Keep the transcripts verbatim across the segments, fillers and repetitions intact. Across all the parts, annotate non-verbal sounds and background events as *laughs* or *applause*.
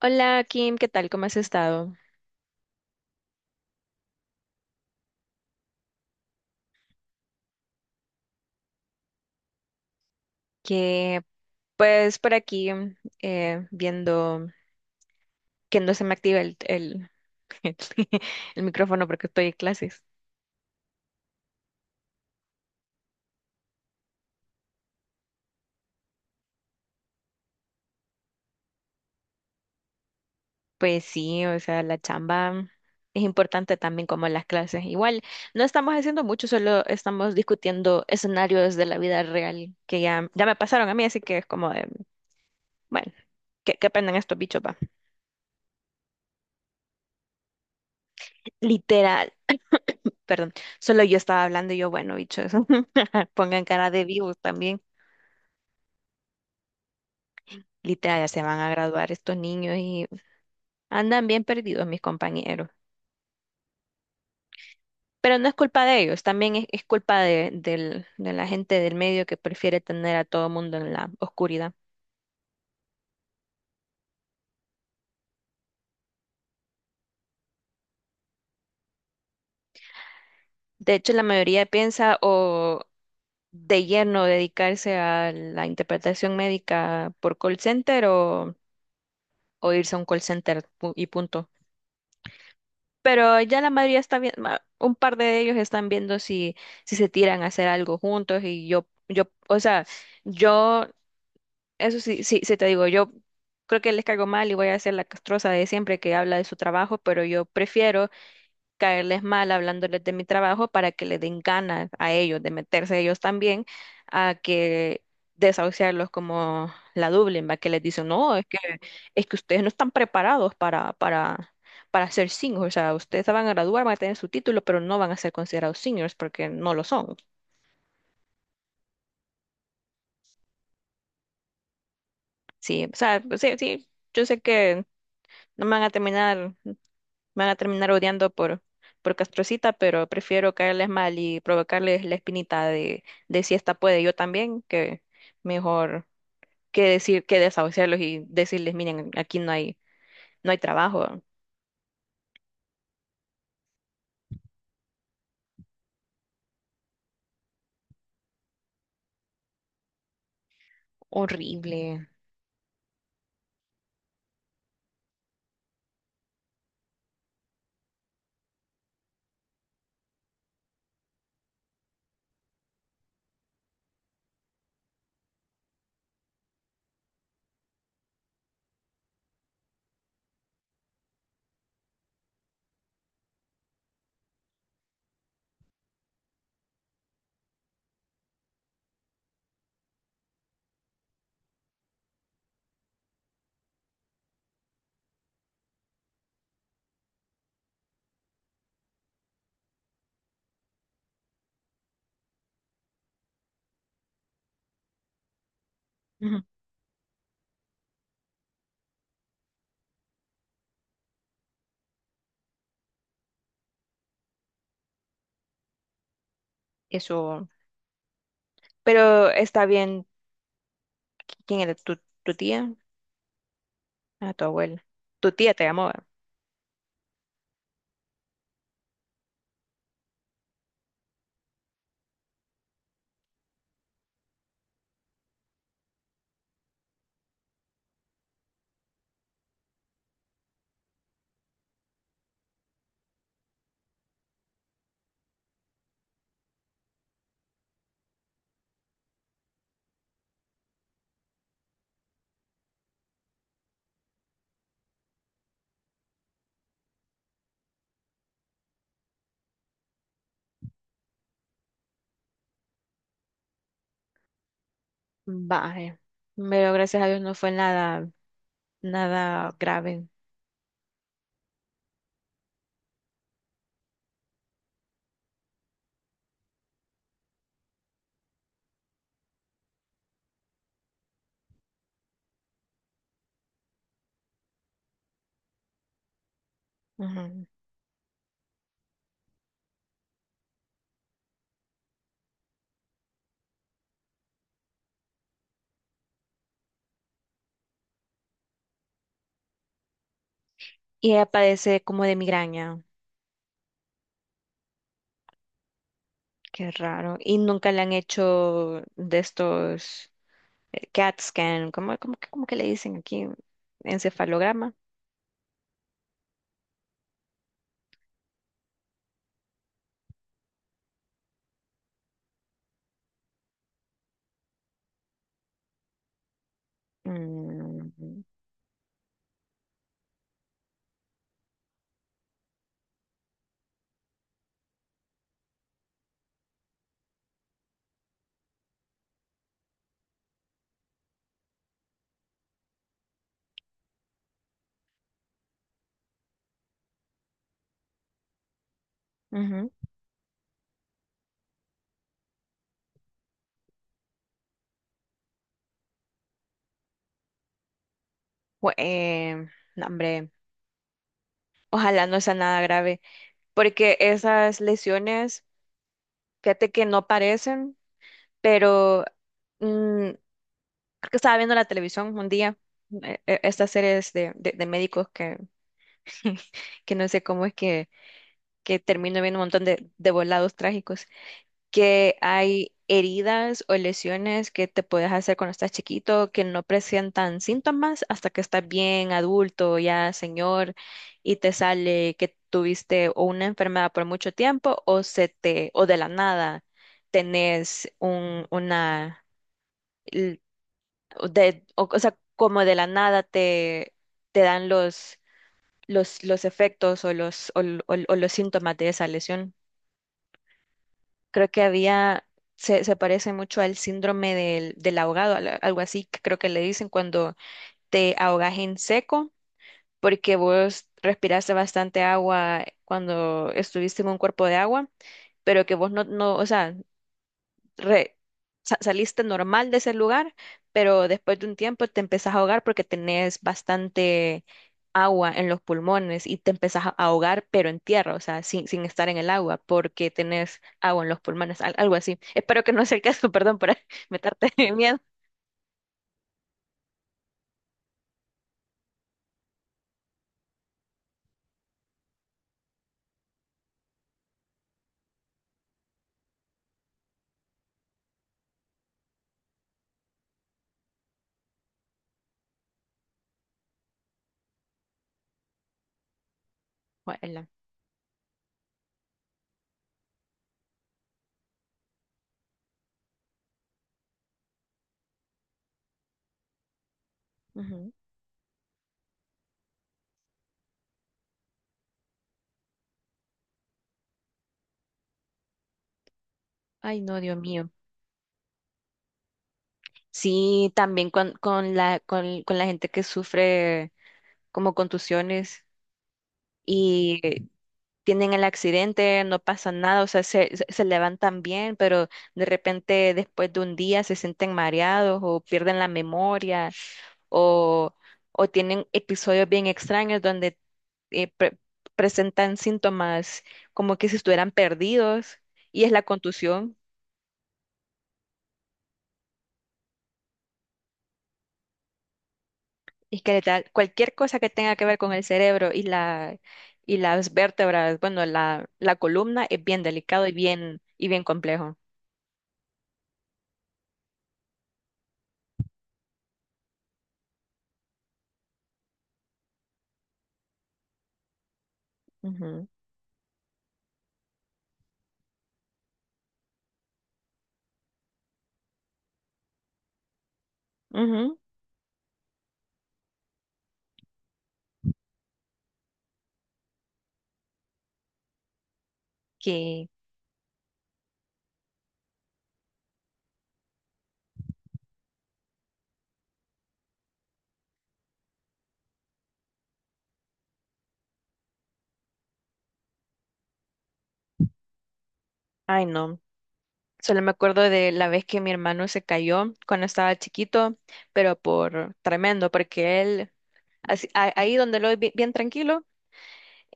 Hola Kim, ¿qué tal? ¿Cómo has estado? Que pues por aquí eh, viendo que no se me activa el, el, *laughs* el micrófono porque estoy en clases. Pues sí, o sea, la chamba es importante también como las clases. Igual, no estamos haciendo mucho, solo estamos discutiendo escenarios de la vida real que ya, ya me pasaron a mí, así que es como de, bueno, que, que aprendan estos bichos, va. Literal. Perdón, solo yo estaba hablando y yo, bueno, bichos, *laughs* pongan cara de vivos también. Literal, ya se van a graduar estos niños y andan bien perdidos mis compañeros. Pero no es culpa de ellos, también es, es culpa de, del- de la gente del medio que prefiere tener a todo mundo en la oscuridad. De hecho, la mayoría piensa o de lleno dedicarse a la interpretación médica por call center o, o irse a un call center pu- y punto. Pero ya la mayoría está viendo, un par de ellos están viendo si, si se tiran a hacer algo juntos y yo, yo, o sea, yo, eso sí, sí, sí te digo, yo creo que les caigo mal y voy a hacer la castrosa de siempre que habla de su trabajo, pero yo prefiero caerles mal hablándoles de mi trabajo para que le den ganas a ellos de meterse ellos también a que desahuciarlos como la Dublin, va que les dicen, no, es que, es que ustedes no están preparados para, para, para ser seniors, o sea, ustedes se van a graduar, van a tener su título, pero no van a ser considerados seniors porque no lo son. Sí, o sea, pues sí, sí, yo sé que no me van a terminar me van a terminar odiando por, por Castrocita, pero prefiero caerles mal y provocarles la espinita de, de si esta puede yo también, que mejor que decir, que desahuciarlos y decirles, miren, aquí no hay, no hay trabajo. Horrible. Ujú. Eso, pero está bien. ¿Quién era? ¿Tu, tu tía? Ah, tu abuela. Tu tía te llamó, ¿verdad? Vaya. Pero gracias a Dios no fue nada, nada grave. Ujú. Y ella padece como de migraña. Qué raro. Y nunca le han hecho de estos eh, C A T scan, ¿cómo, cómo que cómo que le dicen aquí? Encefalograma. Mm, ujú. Bu- eh, no, hombre, ojalá no sea nada grave, porque esas lesiones, fíjate que no parecen, pero mm, creo que estaba viendo la televisión un día, eh, eh, estas series de, de- de médicos que, que no sé cómo es que, que termino viendo un montón de, de volados trágicos. Que hay heridas o lesiones que te puedes hacer cuando estás chiquito que no presentan síntomas hasta que estás bien adulto, ya señor, y te sale que tuviste o una enfermedad por mucho tiempo o se te o de la nada tenés un una l- o de, o, o sea, como de la nada te te dan los los los efectos o los o o- o los síntomas de esa lesión. Creo que había, se, se parece mucho al síndrome del, del ahogado, al- algo así que creo que le dicen cuando te ahogas en seco, porque vos respiraste bastante agua cuando estuviste en un cuerpo de agua, pero que vos no, no, o sea, re- sa- saliste normal de ese lugar, pero después de un tiempo te empezás a ahogar porque tenés bastante agua en los pulmones y te empezás a ahogar, pero en tierra, o sea, sin, sin estar en el agua, porque tenés agua en los pulmones, al- algo así. Espero que no sea el caso, perdón por *laughs* meterte en miedo. Guácala. Ujú. Ay, no, Dios mío. Sí, también con, con la, con, con la gente que sufre como contusiones y tienen el accidente, no pasa nada, o sea, se, se- se levantan bien, pero de repente después de un día se sienten mareados o pierden la memoria o, o tienen episodios bien extraños donde eh, pre- presentan síntomas como que si estuvieran perdidos y es la contusión y que le da cualquier cosa que tenga que ver con el cerebro y la y las vértebras, bueno, la, la columna es bien delicado y bien y bien complejo. Ujú, ujú, que- Ay, no. Solo me acuerdo de la vez que mi hermano se cayó cuando estaba chiquito, pero por tremendo, porque él, así, a- ahí donde lo ve bien tranquilo,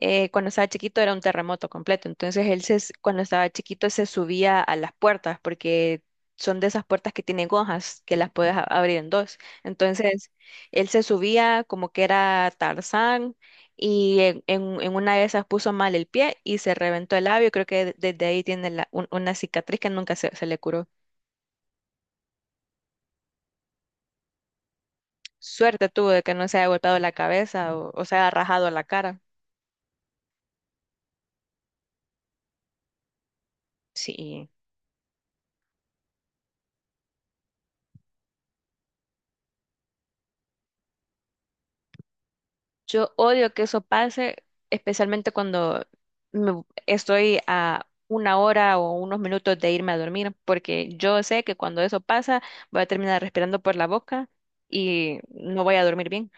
eh, cuando estaba chiquito era un terremoto completo. Entonces él se, s- cuando estaba chiquito se subía a las puertas porque son de esas puertas que tienen hojas que las puedes a- abrir en dos. Entonces él se subía como que era Tarzán y en, en- en una de esas puso mal el pie y se reventó el labio. Creo que de- desde ahí tiene la- un- una cicatriz que nunca se, se le curó. Suerte tuvo de que no se haya golpeado la cabeza o, o se haya rajado la cara. Sí. Yo odio que eso pase, especialmente cuando me- estoy a una hora o unos minutos de irme a dormir, porque yo sé que cuando eso pasa voy a terminar respirando por la boca y no voy a dormir bien.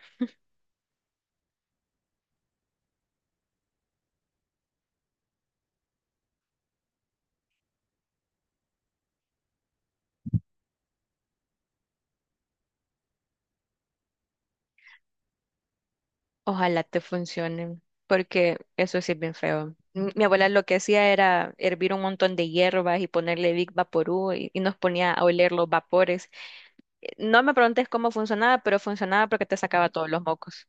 Ojalá te funcione, porque eso sí es bien feo. M- Mi abuela lo que hacía era hervir un montón de hierbas y ponerle Big Vaporú y, y nos ponía a oler los vapores. No me preguntes cómo funcionaba, pero funcionaba porque te sacaba todos los mocos.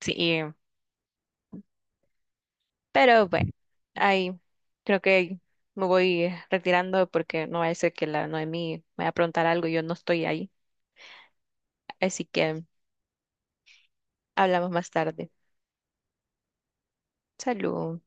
Sí. Pero bueno, ahí creo que me voy retirando porque no vaya a ser que la Noemí me vaya a preguntar algo y yo no estoy ahí. Así que hablamos más tarde. Salud.